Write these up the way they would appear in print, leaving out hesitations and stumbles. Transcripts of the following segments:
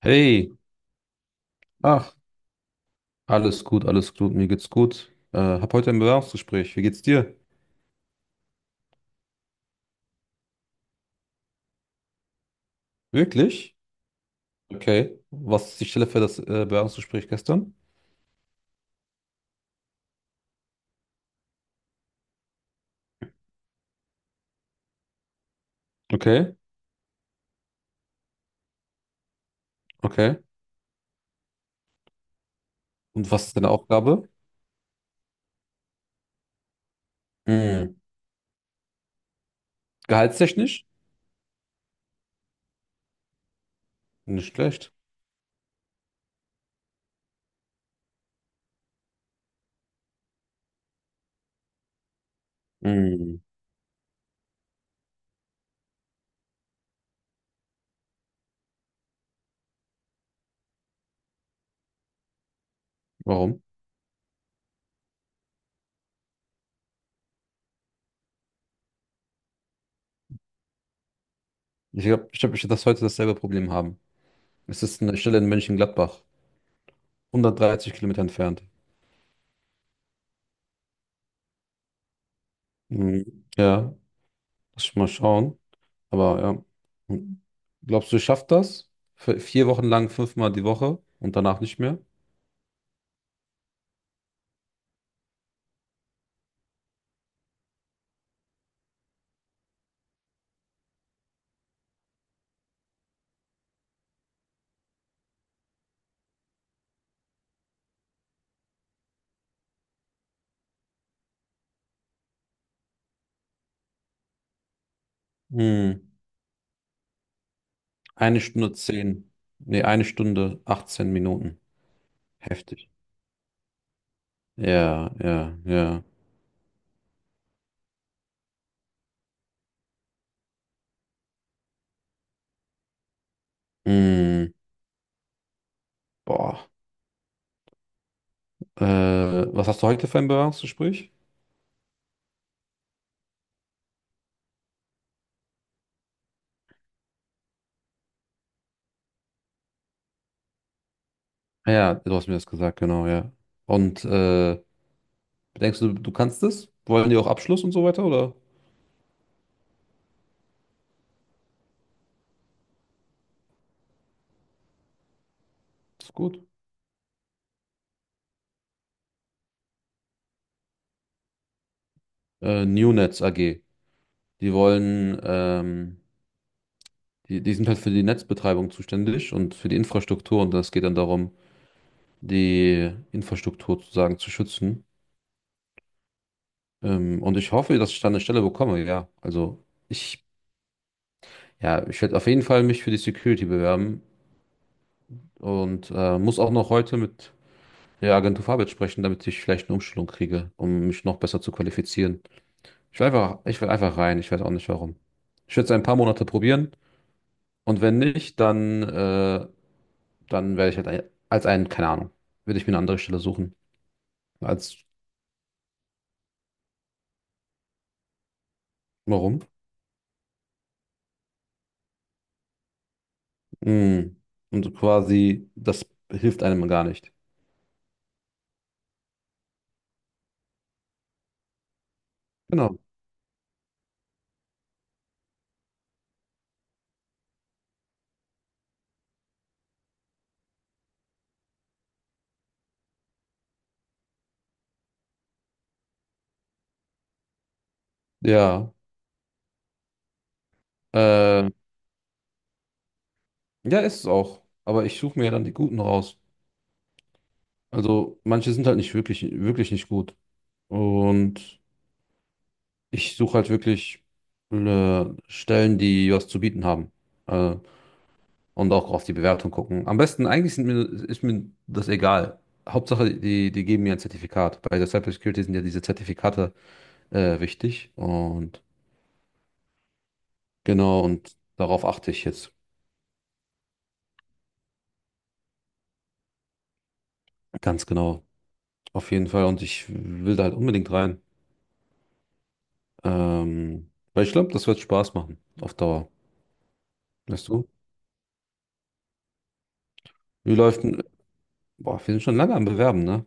Hey, ach, alles gut, mir geht's gut. Hab heute ein Bewerbungsgespräch. Wie geht's dir? Wirklich? Okay. Was ist die Stelle für das Bewerbungsgespräch gestern? Okay, okay. Und was ist deine Aufgabe? Hm. Gehaltstechnisch? Nicht schlecht. Hm. Warum? Ich glaub, ich werd das heute dasselbe Problem haben. Es ist eine Stelle in Mönchengladbach, 130 Kilometer entfernt. Hm. Ja, lass mich mal schauen. Aber ja. Glaubst du, schafft das? Für vier Wochen lang fünfmal die Woche und danach nicht mehr? Hm. Eine Stunde zehn. Nee, eine Stunde 18 Minuten. Heftig. Ja, ja, ja. Hm. Boah. Was hast du heute für ein Bewerbungsgespräch? Ja, du hast mir das gesagt, genau, ja. Und denkst du, du kannst das? Wollen die auch Abschluss und so weiter, oder? Ist gut. Newnetz AG. Die wollen die sind halt für die Netzbetreibung zuständig und für die Infrastruktur, und es geht dann darum, die Infrastruktur sozusagen zu schützen. Und ich hoffe, dass ich da eine Stelle bekomme, ja. Ja, ich werde auf jeden Fall mich für die Security bewerben und muss auch noch heute mit der Agentur für Arbeit sprechen, damit ich vielleicht eine Umschulung kriege, um mich noch besser zu qualifizieren. Ich will einfach rein, ich weiß auch nicht warum. Ich werde es ein paar Monate probieren, und wenn nicht, dann, dann werde ich halt ein, als ein, keine Ahnung, würde ich mir eine andere Stelle suchen. Als, warum? Mm. Und quasi, das hilft einem gar nicht. Genau. Ja. Äh, ja, ist es auch. Aber ich suche mir ja dann die Guten raus. Also, manche sind halt nicht wirklich, wirklich nicht gut. Und ich suche halt wirklich Stellen, die was zu bieten haben. Äh, und auch auf die Bewertung gucken. Am besten, ist mir das egal. Hauptsache, die geben mir ein Zertifikat. Bei der Cybersecurity sind ja diese Zertifikate wichtig. Und Genau, und darauf achte ich jetzt ganz genau. Auf jeden Fall. Und ich will da halt unbedingt rein. Weil ich glaube, das wird Spaß machen. Auf Dauer. Weißt du? Wie läuft denn. Boah, wir sind schon lange am Bewerben, ne?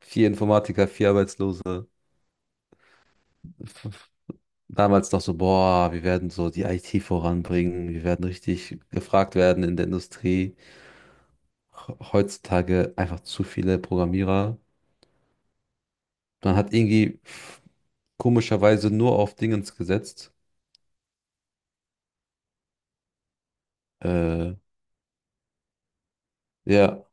Vier Informatiker, vier Arbeitslose. Damals noch so, boah, wir werden so die IT voranbringen. Wir werden richtig gefragt werden in der Industrie. Heutzutage einfach zu viele Programmierer. Man hat irgendwie komischerweise nur auf Dingens gesetzt. Äh, ja.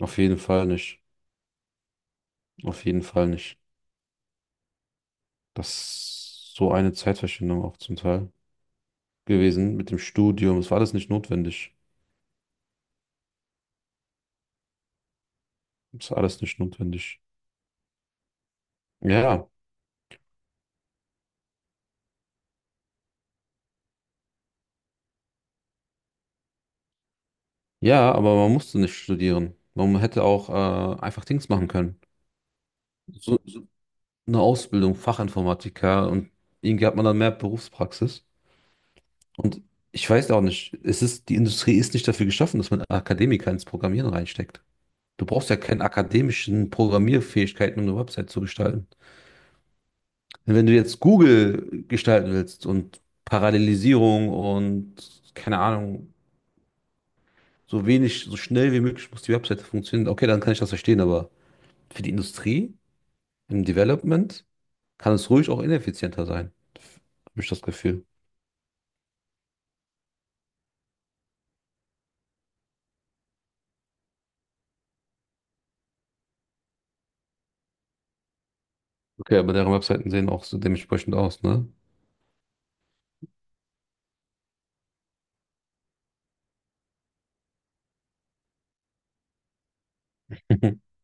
Auf jeden Fall nicht. Auf jeden Fall nicht. Das ist so eine Zeitverschwendung auch zum Teil gewesen mit dem Studium. Es war alles nicht notwendig. Es war alles nicht notwendig. Ja, ja, aber man musste nicht studieren. Man hätte auch einfach Dings machen können. So eine Ausbildung, Fachinformatiker, und irgendwie hat man dann mehr Berufspraxis. Und ich weiß auch nicht, die Industrie ist nicht dafür geschaffen, dass man Akademiker ins Programmieren reinsteckt. Du brauchst ja keine akademischen Programmierfähigkeiten, um eine Website zu gestalten. Wenn du jetzt Google gestalten willst und Parallelisierung und keine Ahnung, so schnell wie möglich muss die Webseite funktionieren, okay, dann kann ich das verstehen, aber für die Industrie, im Development, kann es ruhig auch ineffizienter sein, habe ich das Gefühl. Okay, aber deren Webseiten sehen auch so dementsprechend aus, ne?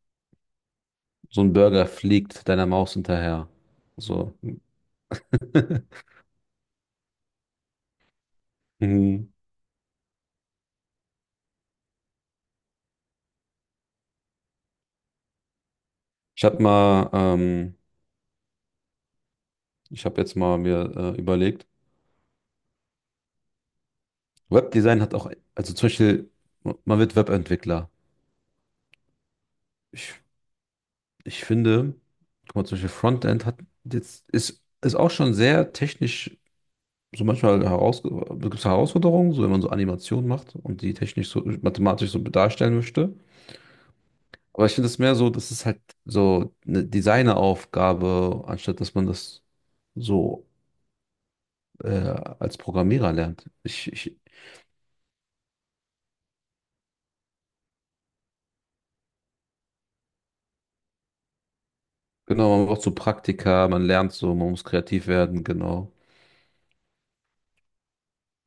So ein Burger fliegt deiner Maus hinterher. So. Mhm. Ich habe mal, ähm, ich habe jetzt mal mir überlegt, Webdesign hat auch, also zum Beispiel, man wird Webentwickler. Ich, ich finde, guck mal, zum Beispiel Frontend hat ist auch schon sehr technisch, gibt es Herausforderungen, so wenn man so Animationen macht und die technisch so mathematisch so darstellen möchte. Aber ich finde es mehr so, das ist halt so eine Designeraufgabe, anstatt dass man das so äh, als Programmierer lernt. Genau, man braucht so Praktika, man lernt so, man muss kreativ werden, genau.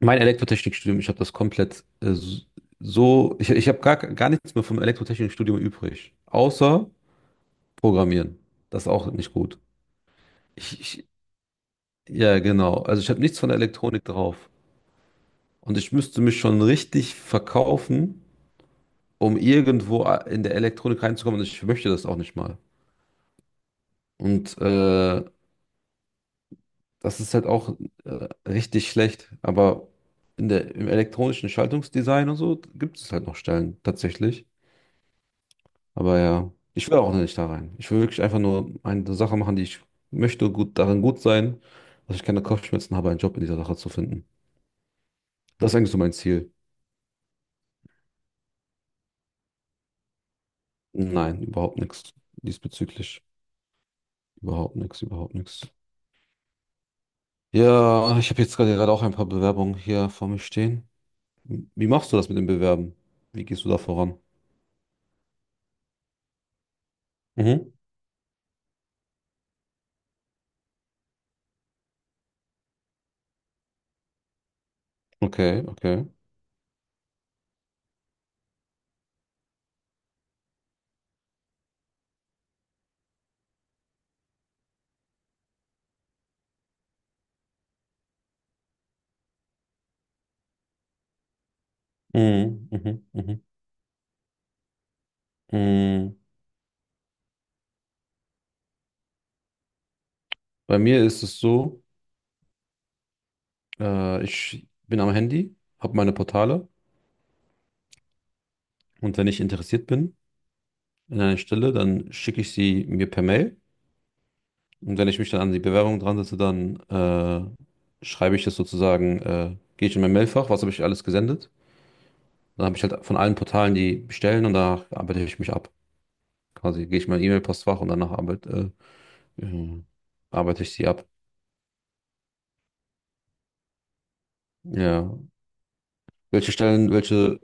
Mein Elektrotechnikstudium, ich habe das komplett, ich habe gar nichts mehr vom Elektrotechnikstudium übrig, außer Programmieren. Das ist auch nicht gut. Ich, ich, ja, genau. Also ich habe nichts von der Elektronik drauf. Und ich müsste mich schon richtig verkaufen, um irgendwo in der Elektronik reinzukommen. Und ich möchte das auch nicht mal. Und das ist halt auch richtig schlecht. Aber im elektronischen Schaltungsdesign und so gibt es halt noch Stellen tatsächlich. Aber ja, ich will auch nicht da rein. Ich will wirklich einfach nur eine Sache machen, die ich möchte, darin gut sein, dass ich keine Kopfschmerzen habe, einen Job in dieser Sache zu finden. Das ist eigentlich so mein Ziel. Nein, überhaupt nichts diesbezüglich. Überhaupt nichts. Ja, ich habe jetzt gerade auch ein paar Bewerbungen hier vor mir stehen. Wie machst du das mit dem Bewerben? Wie gehst du da voran? Mhm. Okay, okay. Mhm, mhm, mhm. Mhm. Bei mir ist es so, ich bin am Handy, habe meine Portale. Und wenn ich interessiert bin in einer Stelle, dann schicke ich sie mir per Mail. Und wenn ich mich dann an die Bewerbung dran setze, dann schreibe ich das sozusagen, gehe ich in mein Mailfach, was habe ich alles gesendet. Dann habe ich halt von allen Portalen die bestellen und danach arbeite ich mich ab. Quasi gehe ich in mein E-Mail-Postfach und danach äh, äh, arbeite ich sie ab. Ja. Welche Stellen, welche.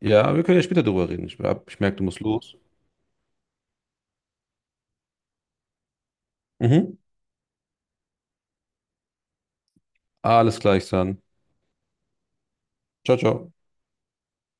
Ja, wir können ja später drüber reden. Ich merke, du musst los. Mhm. Alles gleich dann. Ciao, ciao.